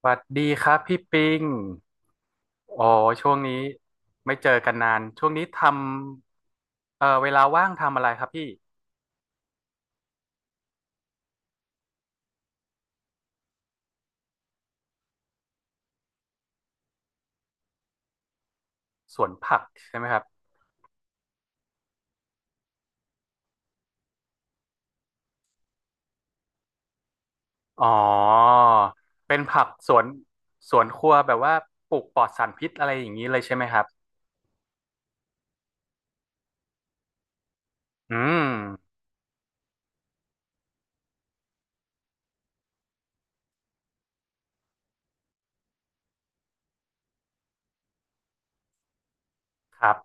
สวัสดีครับพี่ปิงอ๋อช่วงนี้ไม่เจอกันนานช่วงนี้ทำเวลาว่างทำอะไรครับพี่สวนผักใช่ไหมครับอ๋อเป็นผักสวนสวนครัวแบบว่าปลูกปลอดสารพิษอะไรอย่างนี้เลยใช่ไหมครับอืมครับ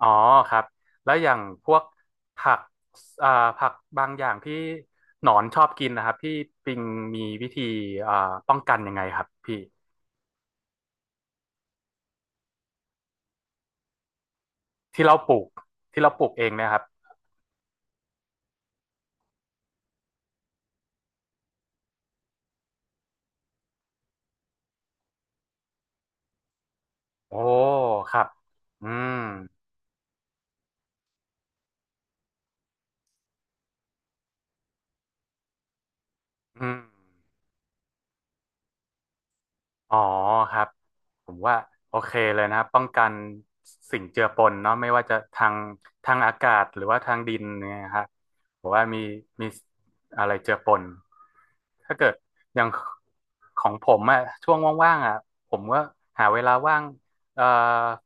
อ๋อครับแล้วอย่างพวกผักเอ่อผักบางอย่างที่หนอนชอบกินนะครับพี่ปิงมีวิธีเอ่อป้องกันยังไงครับพี่ที่เราปลูกที่เราปลูกเองเนะครับ โอ้ครับ อืม อืม อ๋อครับผมว่าโอเคเลยนะครับป้องกันสิ่งเจือปนเนาะไม่ว่าจะทางทางอากาศหรือว่าทางดินเนี่ยฮะผมว่ามีมีอะไรเจือปนถ้าเกิดอย่างของผมอะช่วงว่างๆอะผมก็หาเวลาว่างเอ่อ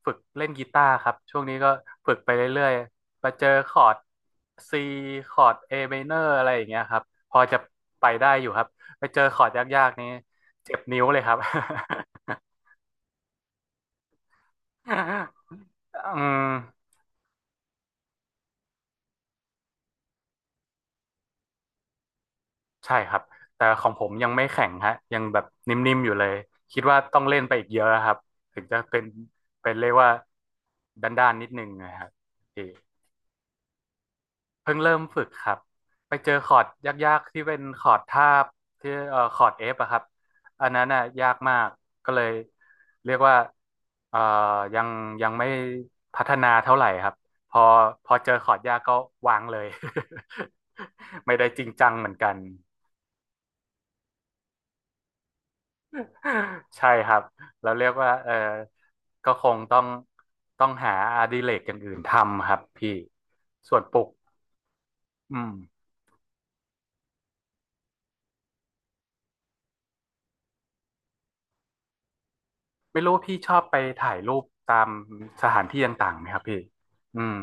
ฝึกเล่นกีตาร์ครับช่วงนี้ก็ฝึกไปเรื่อยๆมาเจอคอร์ด C คอร์ด A minor อะไรอย่างเงี้ยครับพอจะไปได้อยู่ครับไปเจอคอร์ดยากๆนี้ เจ็บนิ้วเลยครับ อืมใช่ครับ แต่ของผมยังไม่แข็งฮะยังแบบนิ่มๆอยู่เลย คิดว่าต้องเล่นไปอีกเยอะครับถึงจะเป็นเรียกว่าด้านๆนิดนึงนะครับพี่ เพิ่งเริ่มฝึกครับไปเจอคอร์ดยากๆที่เป็นคอร์ดทาบที่คอร์ดเอฟอะครับอันนั้นน่ะยากมากก็เลยเรียกว่าเอ่อยังไม่พัฒนาเท่าไหร่ครับพอเจอคอร์ดยากก็วางเลย ไม่ได้จริงจังเหมือนกันใช่ครับเราเรียกว่าเออก็คงต้องหาอดิเรกอย่างอื่นทำครับพี่ส่วนปลูกอืม ไม่รู้พี่ชอบไปถ่ายรูปตามสถานที่ต่างๆไหมครับพี่อืม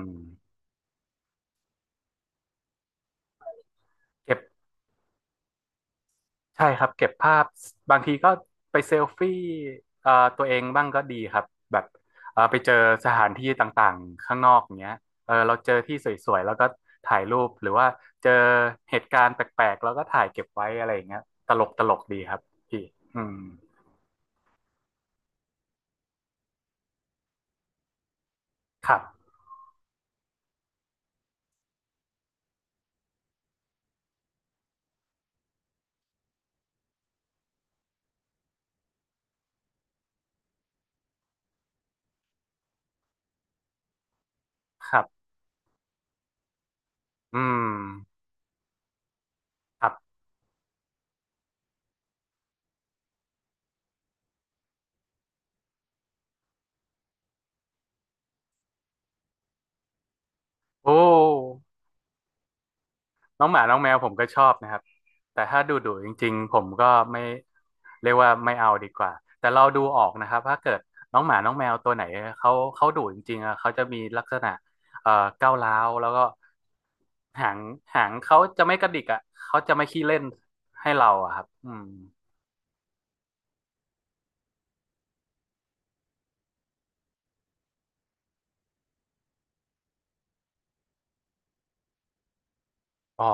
เก็บใช่ครับเก็บภาพบางทีก็ไปเซลฟี่เอ่อตัวเองบ้างก็ดีครับแบบไปเจอสถานที่ต่างๆข้างนอกอย่างเงี้ยเออเราเจอที่สวยๆแล้วก็ถ่ายรูปหรือว่าเจอเหตุการณ์แปลกๆแล้วก็ถ่ายเก็บไว้อะไรอย่างเงี้ยตลกตลกดีครับพี่อืมครับครับอืมครับโอ้ น้องหมาน้องแมวผมก็ชอบนะครับแต่ถ้าดุดุจริงๆผมก็ไม่เรียกว่าไม่เอาดีกว่าแต่เราดูออกนะครับถ้าเกิดน้องหมาน้องแมวตัวไหนเขาดุจริงๆอะเขาจะมีลักษณะเอ่อก้าวร้าวแล้วก็หางเขาจะไม่กระดิกอ่ะเขาจะไม่ขี้เล่นให้เราอะครับอืมอ๋อ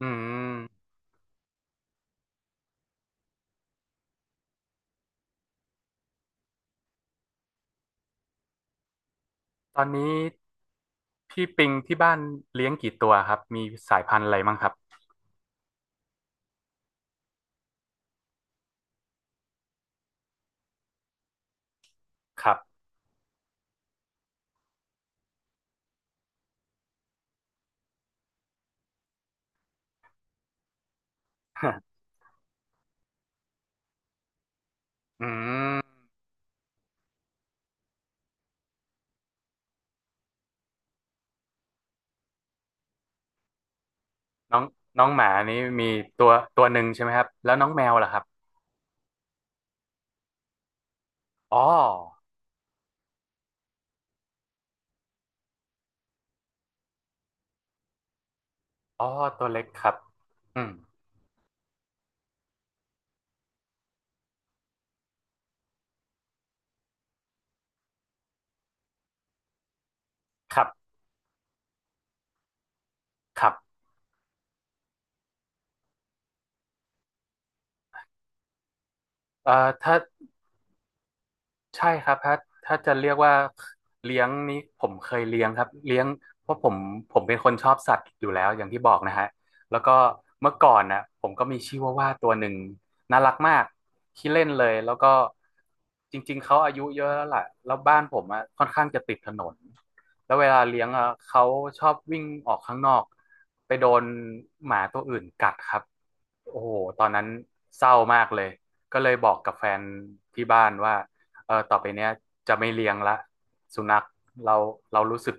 อืมตอนนี้พี่ปิงที่บ้านเลี้ยงกี่ตัวครับมีสายพันธุ์อะไรบ้างครับครับ อืม น้องน้องหมานี้มีตัวหนึ่งใช่ไหมครับแล้วน้องแมวล่ะครับอ๋ออ๋อตัวเล็กครับอืมครับครับเอ่อถ้า ใช่ครับถ้าจะเรียกว่าเลี้ยงนี้ผมเคยเลี้ยงครับเลี้ยงเพราะผมเป็นคนชอบสัตว์อยู่แล้วอย่างที่บอกนะฮะแล้วก็เมื่อก่อนนะผมก็มีชิวาว่าตัวหนึ่งน่ารักมากขี้เล่นเลยแล้วก็จริงๆเขาอายุเยอะแล้วล่ะแล้วบ้านผมอะค่อนข้างจะติดถนนแล้วเวลาเลี้ยงอะเขาชอบวิ่งออกข้างนอกไปโดนหมาตัวอื่นกัดครับโอ้โหตอนนั้นเศร้ามากเลยก็เลยบอกกับแฟนที่บ้านว่า เออต่อไปเนี้ยจะไม่เลี้ยงละสุนัขเรารู้สึก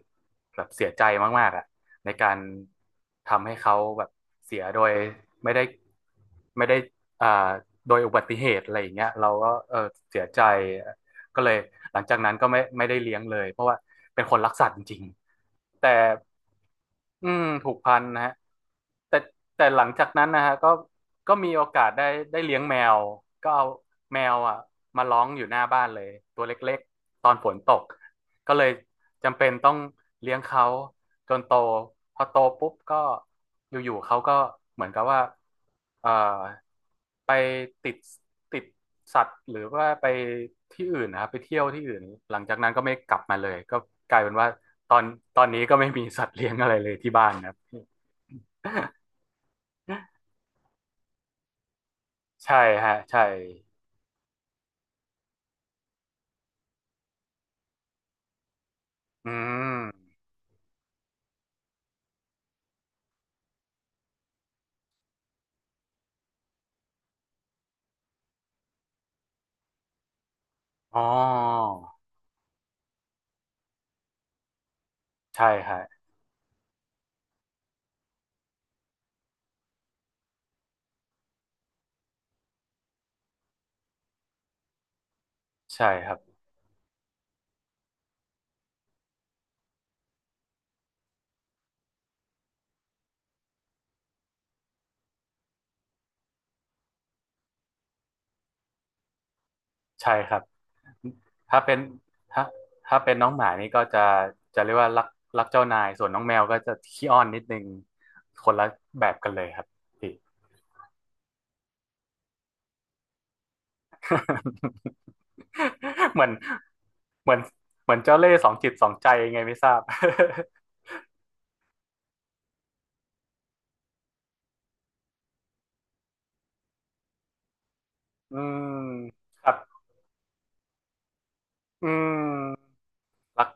แบบเสียใจมากๆอ่ะในการทำให้เขาแบบเสียโดยไม่ได้ไม่ได้อ่าโดยอุบัติเหตุอะไรอย่างเงี้ยเราก็เออเสียใจ ก็เลยหลังจากนั้นก็ไม่ได้เลี้ยงเลยเพราะว่าเป็นคนรักสัตว์จริงๆแต่อืมผูกพันนะฮะแต่หลังจากนั้นนะฮะก็มีโอกาสได้ได้เลี้ยงแมวก็เอาแมวอ่ะมาร้องอยู่หน้าบ้านเลยตัวเล็กๆตอนฝนตกก็เลย จำเป็นต้องเลี้ยงเขาจนโตพอโตปุ๊บก็อยู่ๆเขาก็เหมือนกับว่าเอ่อไปติดติดสัตว์หรือว่าไปที่อื่นนะครับไปเที่ยวที่อื่นหลังจากนั้นก็ไม่กลับมาเลยก็กลายเป็นว่าตอนนี้ก็ไม่มีสัตว์เลี้ยงอะไรเลยที่บ้านนะครับ ใช่ฮะใช่อืมอ๋อใช่ฮะใช่ครับใช่ครับ ถ้าเป็นถ้าเป็นน้องหมานี่ก็จะเรียกว่ารักเจ้านายส่วนน้องแมวก็จะขี้อ้อนนิดนึงคนละแบบกันเลยครับพี่ เหมือนเหมือนเหมือนเจ้าเล่ห์สองจิตสองใจยังไงไม่ทราบ อืมครับอืมรัก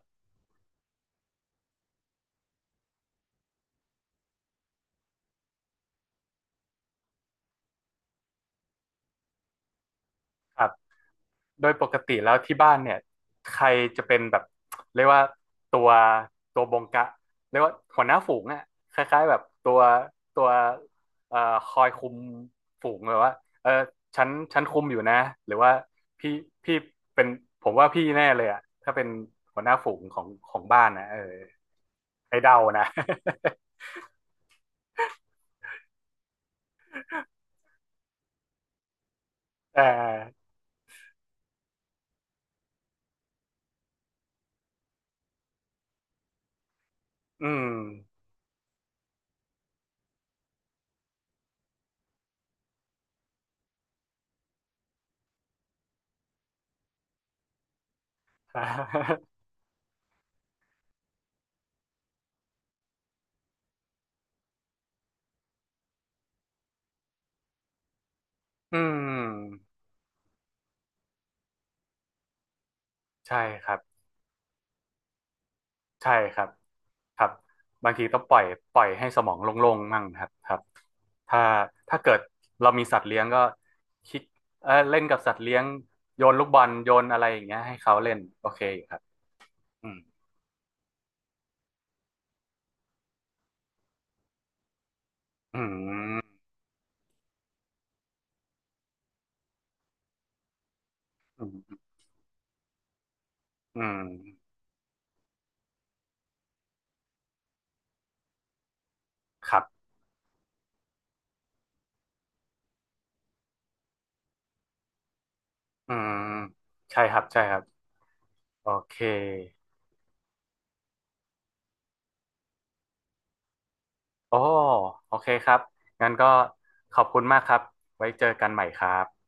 ครับ โดยปกติแล้วที่บ้านเนี่ยใครจะเป็นแบบเรียกว่าตัวบงกะเรียกว่าหัวหน้าฝูงอ่ะคล้ายๆแบบตัวตัวเอ่อคอยคุมฝูงเลยว่าเออฉันคุมอยู่นะหรือว่าพี่พี่เป็นผมว่าพี่แน่เลยอ่ะถ้าเป็นหัวหน้าฝูงของบ้านนะเออไอ้เดานะ เอออืม อืมใช่ครับใช่ครับ ครับบางทีต้องปล่อยให้สมองโล่งๆมั่งครับครับถ้าเกิดเรามีสัตว์เลี้ยงก็คิดเออเล่นกับสัตว์เลี้ยงโยนลูกบอลโยนอะไรอย่างเงี้ยให้เขาเล่นโอเคครับอืมอืมอืมอืมครับอืมใช่ครับใช่ครับโอเคโอ้โอเคครับงั้นก็ขอบคุณมากครับไว้เจอกันใหม่ครับ